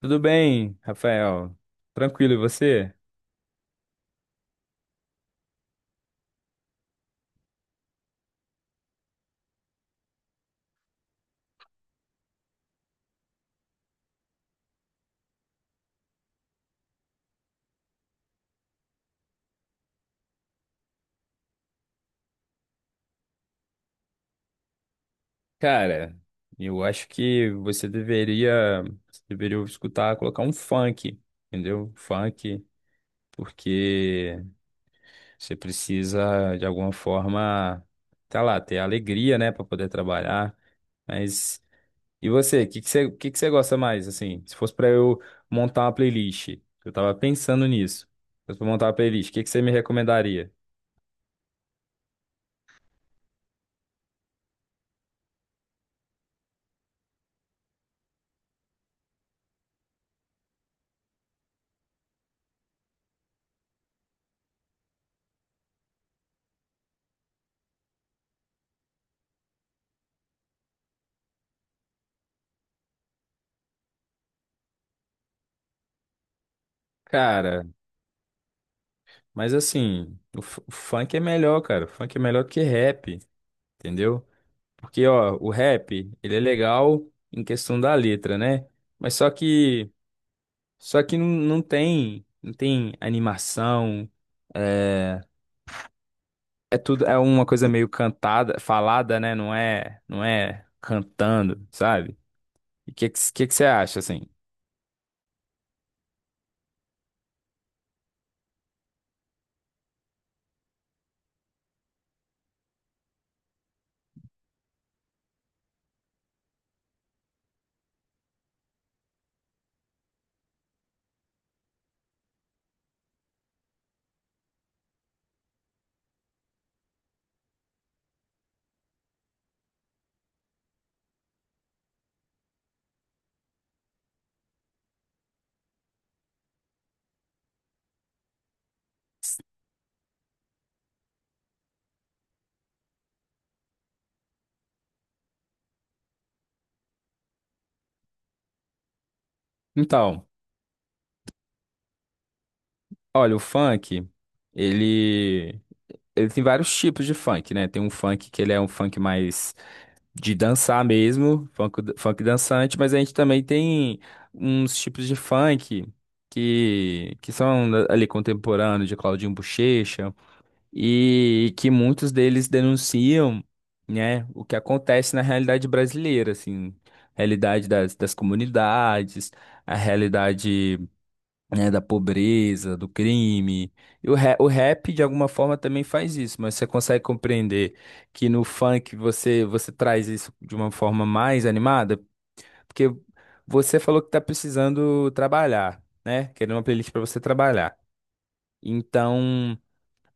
Tudo bem, Rafael? Tranquilo, e você? Cara, eu acho que você deveria escutar, colocar um funk, entendeu? Funk, porque você precisa, de alguma forma, tá lá, ter alegria, né, pra poder trabalhar. Mas, e você? O que que você gosta mais, assim? Se fosse pra eu montar uma playlist, eu tava pensando nisso. Se fosse pra montar uma playlist, o que que você me recomendaria? Cara, mas assim, o funk é melhor, cara. O funk é melhor do que rap, entendeu? Porque, ó, o rap, ele é legal em questão da letra, né? Mas só que, só que não tem, não tem animação, é, é tudo, é uma coisa meio cantada, falada, né? Não é, não é cantando, sabe? E que você acha, assim? Então, olha, o funk, ele, ele tem vários tipos de funk, né? Tem um funk que ele é um funk mais de dançar mesmo, funk, funk dançante, mas a gente também tem uns tipos de funk que são ali contemporâneos de Claudinho Buchecha e que muitos deles denunciam, né, o que acontece na realidade brasileira, assim, realidade das comunidades, a realidade, né, da pobreza, do crime. E o rap, de alguma forma, também faz isso, mas você consegue compreender que no funk você traz isso de uma forma mais animada? Porque você falou que está precisando trabalhar, né? Querendo uma playlist para você trabalhar. Então,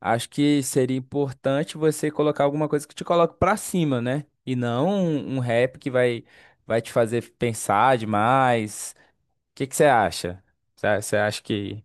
acho que seria importante você colocar alguma coisa que te coloque para cima, né? E não um rap que vai te fazer pensar demais. O que que você acha? Você acha que.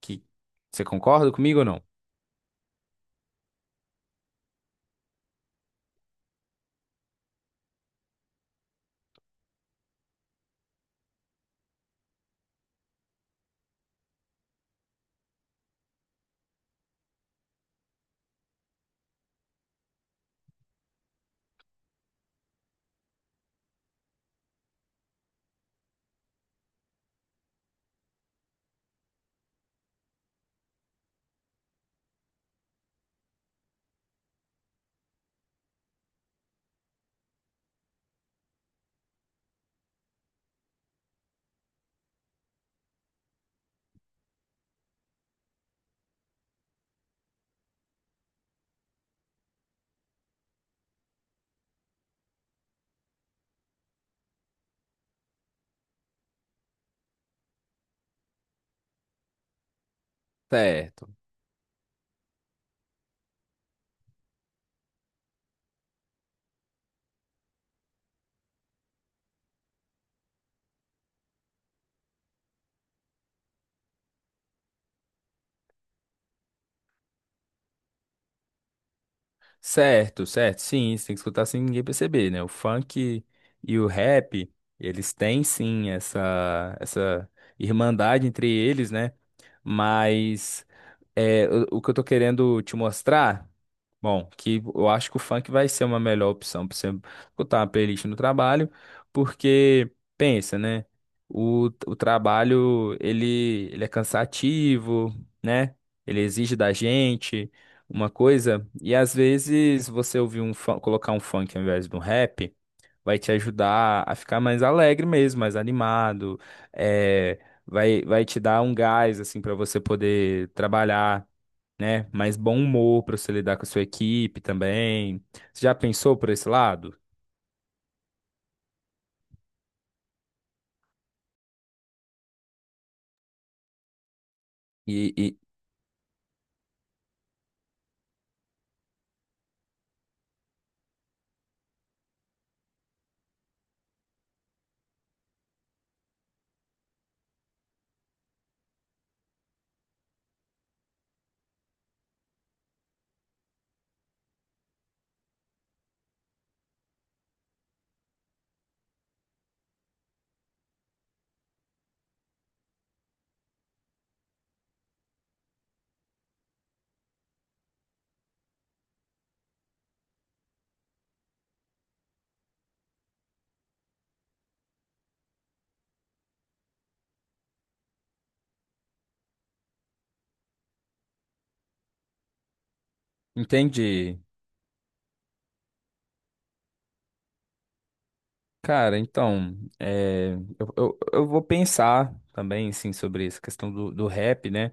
Que... Você concorda comigo ou não? Certo. Certo, certo. Sim, você tem que escutar sem ninguém perceber, né? O funk e o rap, eles têm sim essa irmandade entre eles, né? Mas. É, o que eu tô querendo te mostrar, bom, que eu acho que o funk vai ser uma melhor opção pra você botar uma playlist no trabalho, porque pensa, né? O trabalho ele é cansativo, né? Ele exige da gente uma coisa, e às vezes você ouvir um colocar um funk ao invés de um rap vai te ajudar a ficar mais alegre mesmo, mais animado. É, vai te dar um gás assim para você poder trabalhar, né? Mais bom humor para você lidar com a sua equipe também. Você já pensou por esse lado? E, e- entende? Cara, então, é, eu vou pensar também, assim, sobre essa questão do rap, né?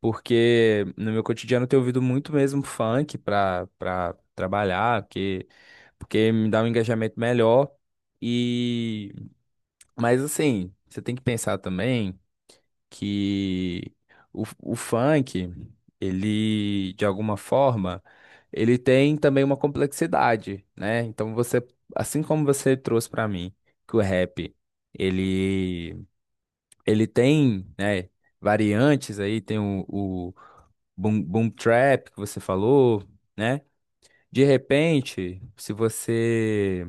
Porque no meu cotidiano eu tenho ouvido muito mesmo funk pra trabalhar, que, porque me dá um engajamento melhor. E, mas assim, você tem que pensar também. Que o funk, ele, de alguma forma, ele tem também uma complexidade, né? Então você, assim como você trouxe para mim que o rap, ele, ele tem, né, variantes aí, tem o boom trap que você falou, né? De repente,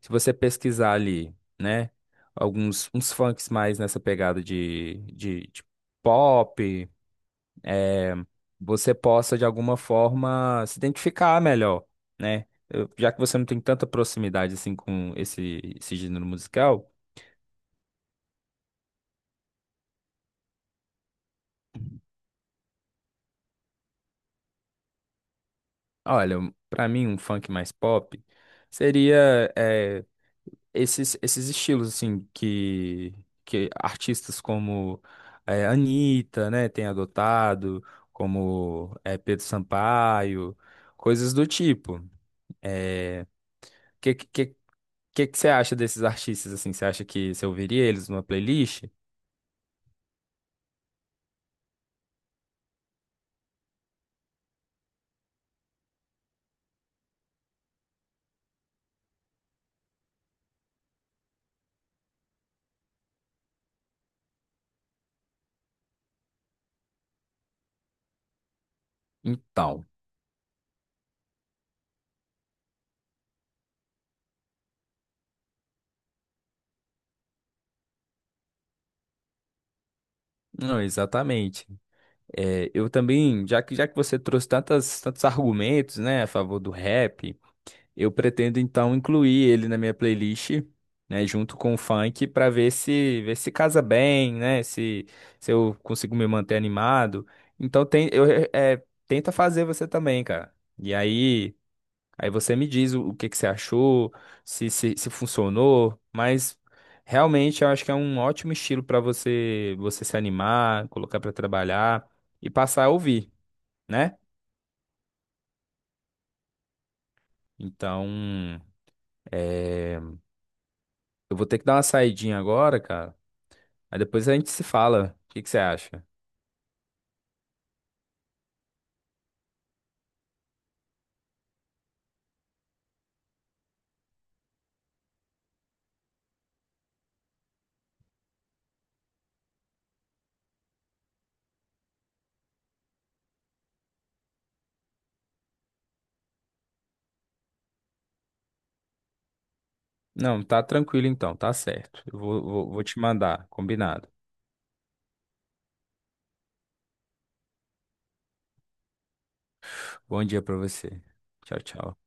se você pesquisar ali, né? Alguns uns funks mais nessa pegada de, de pop, eh, você possa de alguma forma se identificar melhor, né? Já que você não tem tanta proximidade assim com esse gênero musical, olha, pra mim um funk mais pop seria eh, esses estilos assim que artistas como eh, Anitta, né, tem adotado, como eh, Pedro Sampaio, coisas do tipo. Que, que, que você acha desses artistas assim? Você acha que você ouviria eles numa playlist? Então, não, exatamente. É, eu também, já que você trouxe tantos argumentos, né, a favor do rap. Eu pretendo então incluir ele na minha playlist, né, junto com o funk para ver se casa bem, né, se eu consigo me manter animado. Então tem eu tenta fazer você também, cara. E aí você me diz o que que você achou, se se funcionou, mas realmente eu acho que é um ótimo estilo para você se animar, colocar para trabalhar e passar a ouvir, né? Então, eh, eu vou ter que dar uma saidinha agora, cara. Aí depois a gente se fala. O que que você acha? Não, tá tranquilo então, tá certo. Eu vou te mandar, combinado. Bom dia pra você. Tchau, tchau.